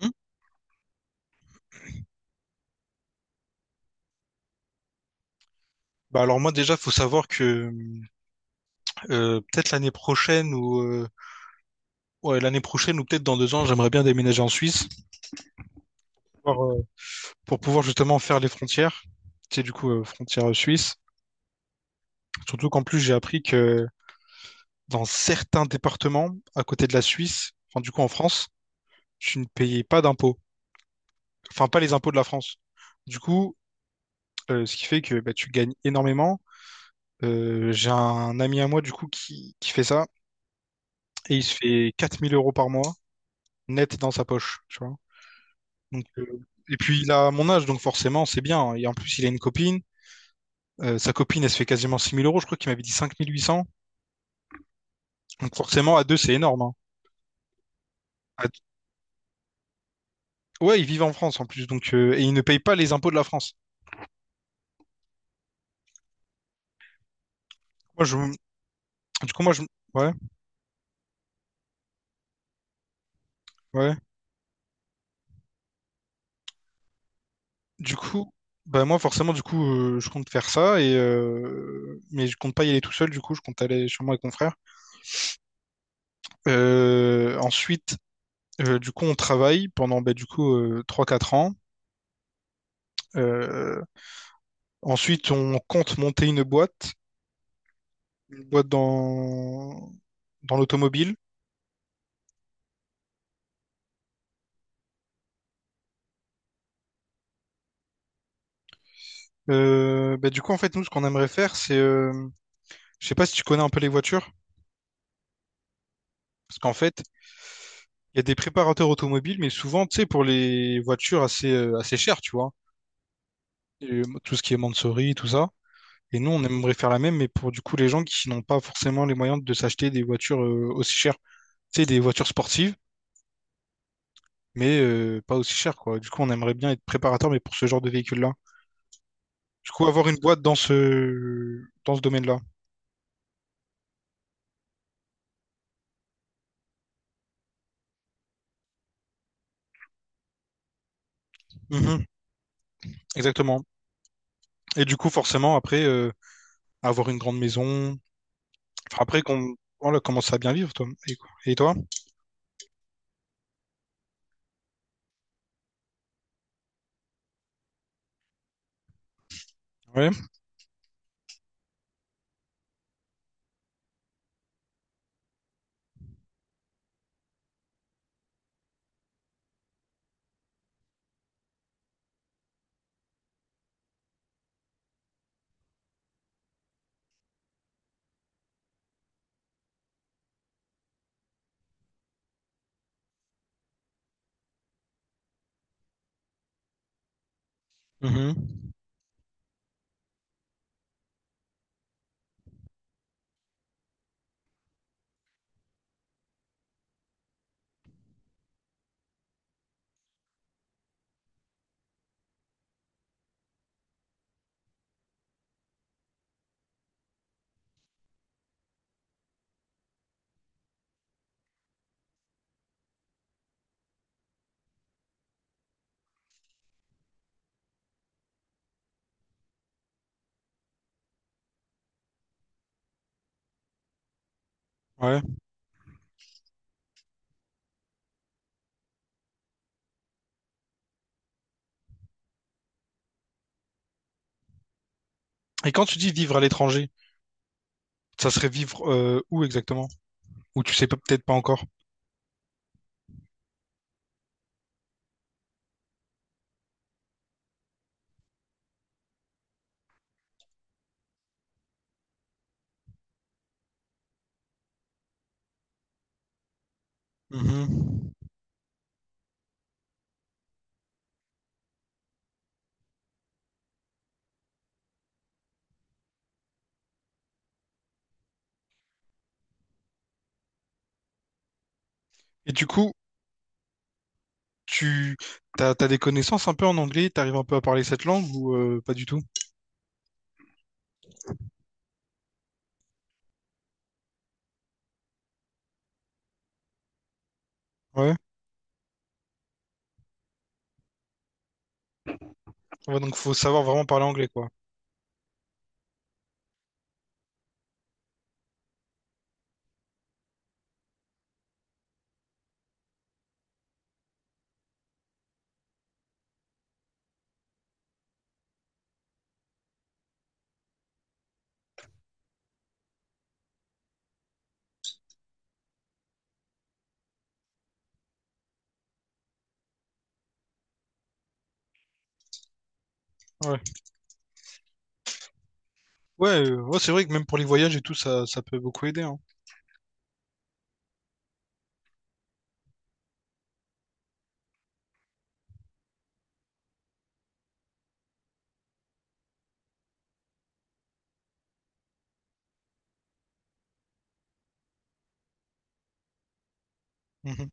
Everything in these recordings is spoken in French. Hmm. Bah alors moi déjà faut savoir que peut-être l'année prochaine ou ouais, l'année prochaine ou peut-être dans 2 ans j'aimerais bien déménager en Suisse pour, pouvoir, euh, pour pouvoir justement faire les frontières. C'est du coup frontière suisse, surtout qu'en plus j'ai appris que dans certains départements à côté de la Suisse, enfin du coup en France, tu ne payais pas d'impôts, enfin pas les impôts de la France, du coup ce qui fait que bah, tu gagnes énormément. J'ai un ami à moi du coup qui fait ça, et il se fait 4 000 € par mois net dans sa poche, tu vois. Donc, euh, et puis il a mon âge, donc forcément, c'est bien. Et en plus, il a une copine. Sa copine, elle se fait quasiment 6000 euros. Je crois qu'il m'avait dit 5 800. Donc forcément, à deux, c'est énorme, hein. À deux- Ouais, ils vivent en France en plus. Et ils ne payent pas les impôts de la France. Moi, je... Du coup, moi, je... Ouais, ouais. Du coup, bah moi, forcément, du coup, je compte faire ça. Mais je compte pas y aller tout seul. Du coup, je compte aller chez moi avec mon frère. Euh, Ensuite, du coup, on travaille pendant, bah, du coup, 3-4 ans. Euh, Ensuite, on compte monter une boîte. Une boîte dans, dans l'automobile. Bah, du coup, en fait, nous, ce qu'on aimerait faire, c'est je sais pas si tu connais un peu les voitures, parce qu'en fait, il y a des préparateurs automobiles, mais souvent, tu sais, pour les voitures assez chères, tu vois. Tout ce qui est Mansory, tout ça. Et nous, on aimerait faire la même, mais pour du coup les gens qui n'ont pas forcément les moyens de s'acheter des voitures aussi chères, tu sais, des voitures sportives, mais pas aussi chères, quoi. Du coup, on aimerait bien être préparateur, mais pour ce genre de véhicule-là. Du coup, avoir une boîte dans ce domaine-là. Mhm, exactement. Et du coup, forcément, après, avoir une grande maison. Enfin, après, qu'on voilà, commencer à bien vivre, toi. Et, quoi. Et toi? Ouais. Mhm. Ouais. Et quand tu dis vivre à l'étranger, ça serait vivre où exactement? Ou tu sais peut-être pas encore? Mhm. Et du coup, tu t'as des connaissances un peu en anglais, t'arrives un peu à parler cette langue ou pas du tout? Ouais. Ouais, donc faut savoir vraiment parler anglais, quoi. Ouais, ouais, ouais, c'est vrai que même pour les voyages et tout, ça peut beaucoup aider, hein. Mhm.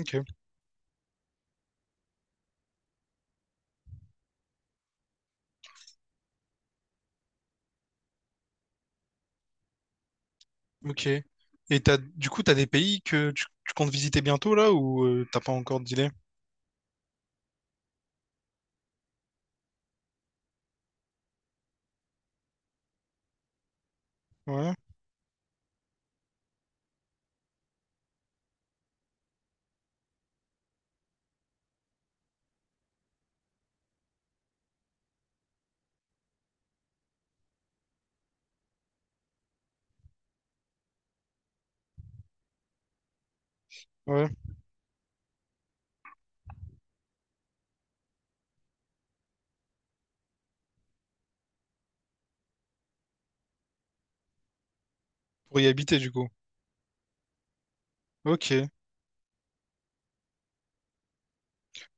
Ok, ok. Et t'as, du coup, t'as des pays que tu comptes visiter bientôt là ou t'as pas encore d'idée? Ouais, ouais, pour y habiter du coup. Ok,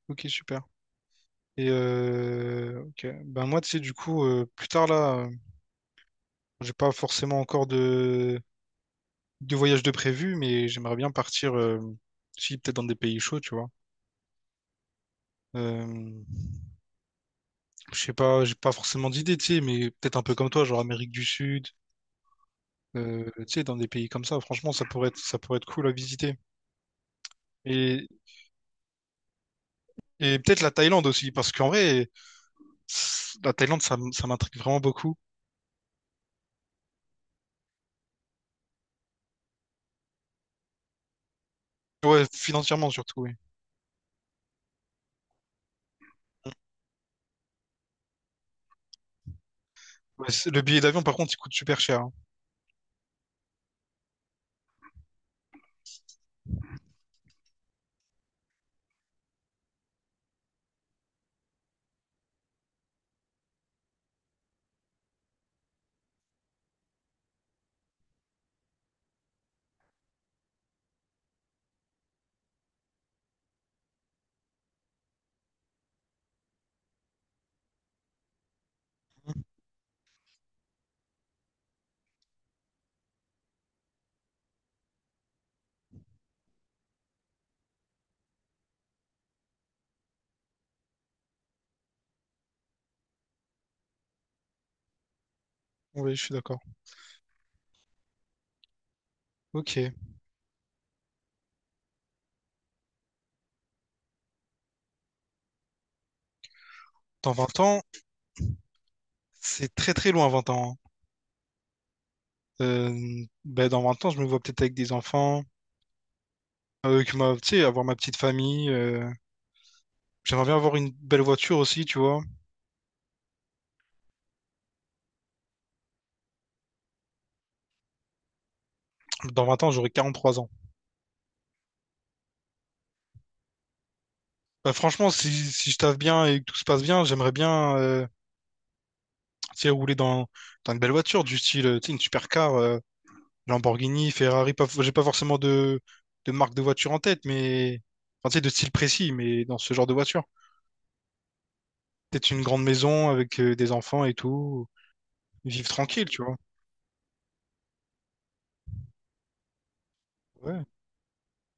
ok, super. Et ok. Ben moi, tu sais, du coup, plus tard là, j'ai pas forcément encore de voyage de prévu, mais j'aimerais bien partir, si peut-être dans des pays chauds, tu vois. Euh, je sais pas, j'ai pas forcément d'idée, tu sais, mais peut-être un peu comme toi, genre Amérique du Sud, tu sais, dans des pays comme ça. Franchement, ça pourrait être cool à visiter. Et, et peut-être la Thaïlande aussi, parce qu'en vrai, la Thaïlande, ça m'intrigue vraiment beaucoup. Ouais, financièrement surtout, oui. Ouais, le billet d'avion, par contre, il coûte super cher, hein. Mhm. Oui, je suis d'accord. Ok. Dans 20 ans, c'est très très loin, 20 ans, hein. Euh, ben, dans 20 ans, je me vois peut-être avec des enfants, avec ma, tu sais, avoir ma petite famille. J'aimerais bien avoir une belle voiture aussi, tu vois. Dans 20 ans, j'aurai 43 ans. Bah, franchement, si, si je taffe bien et que tout se passe bien, j'aimerais bien tu sais, rouler dans une belle voiture, du style tu sais, une supercar. Lamborghini, Ferrari, pas, j'ai pas forcément de marque de voiture en tête, mais enfin, tu sais, de style précis, mais dans ce genre de voiture. Peut-être une grande maison avec des enfants et tout, vivre tranquille, tu vois. Ouais,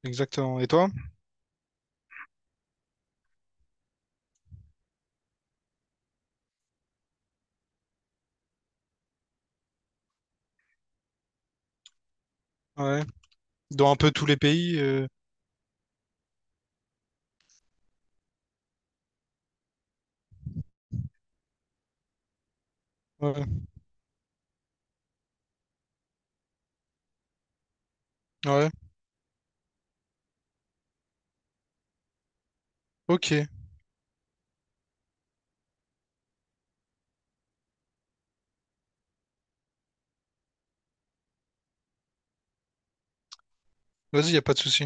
exactement. Et toi? Ouais. Dans un peu tous les pays. Ouais, ouais. Ok. Vas-y, y a pas de souci.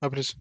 À plus.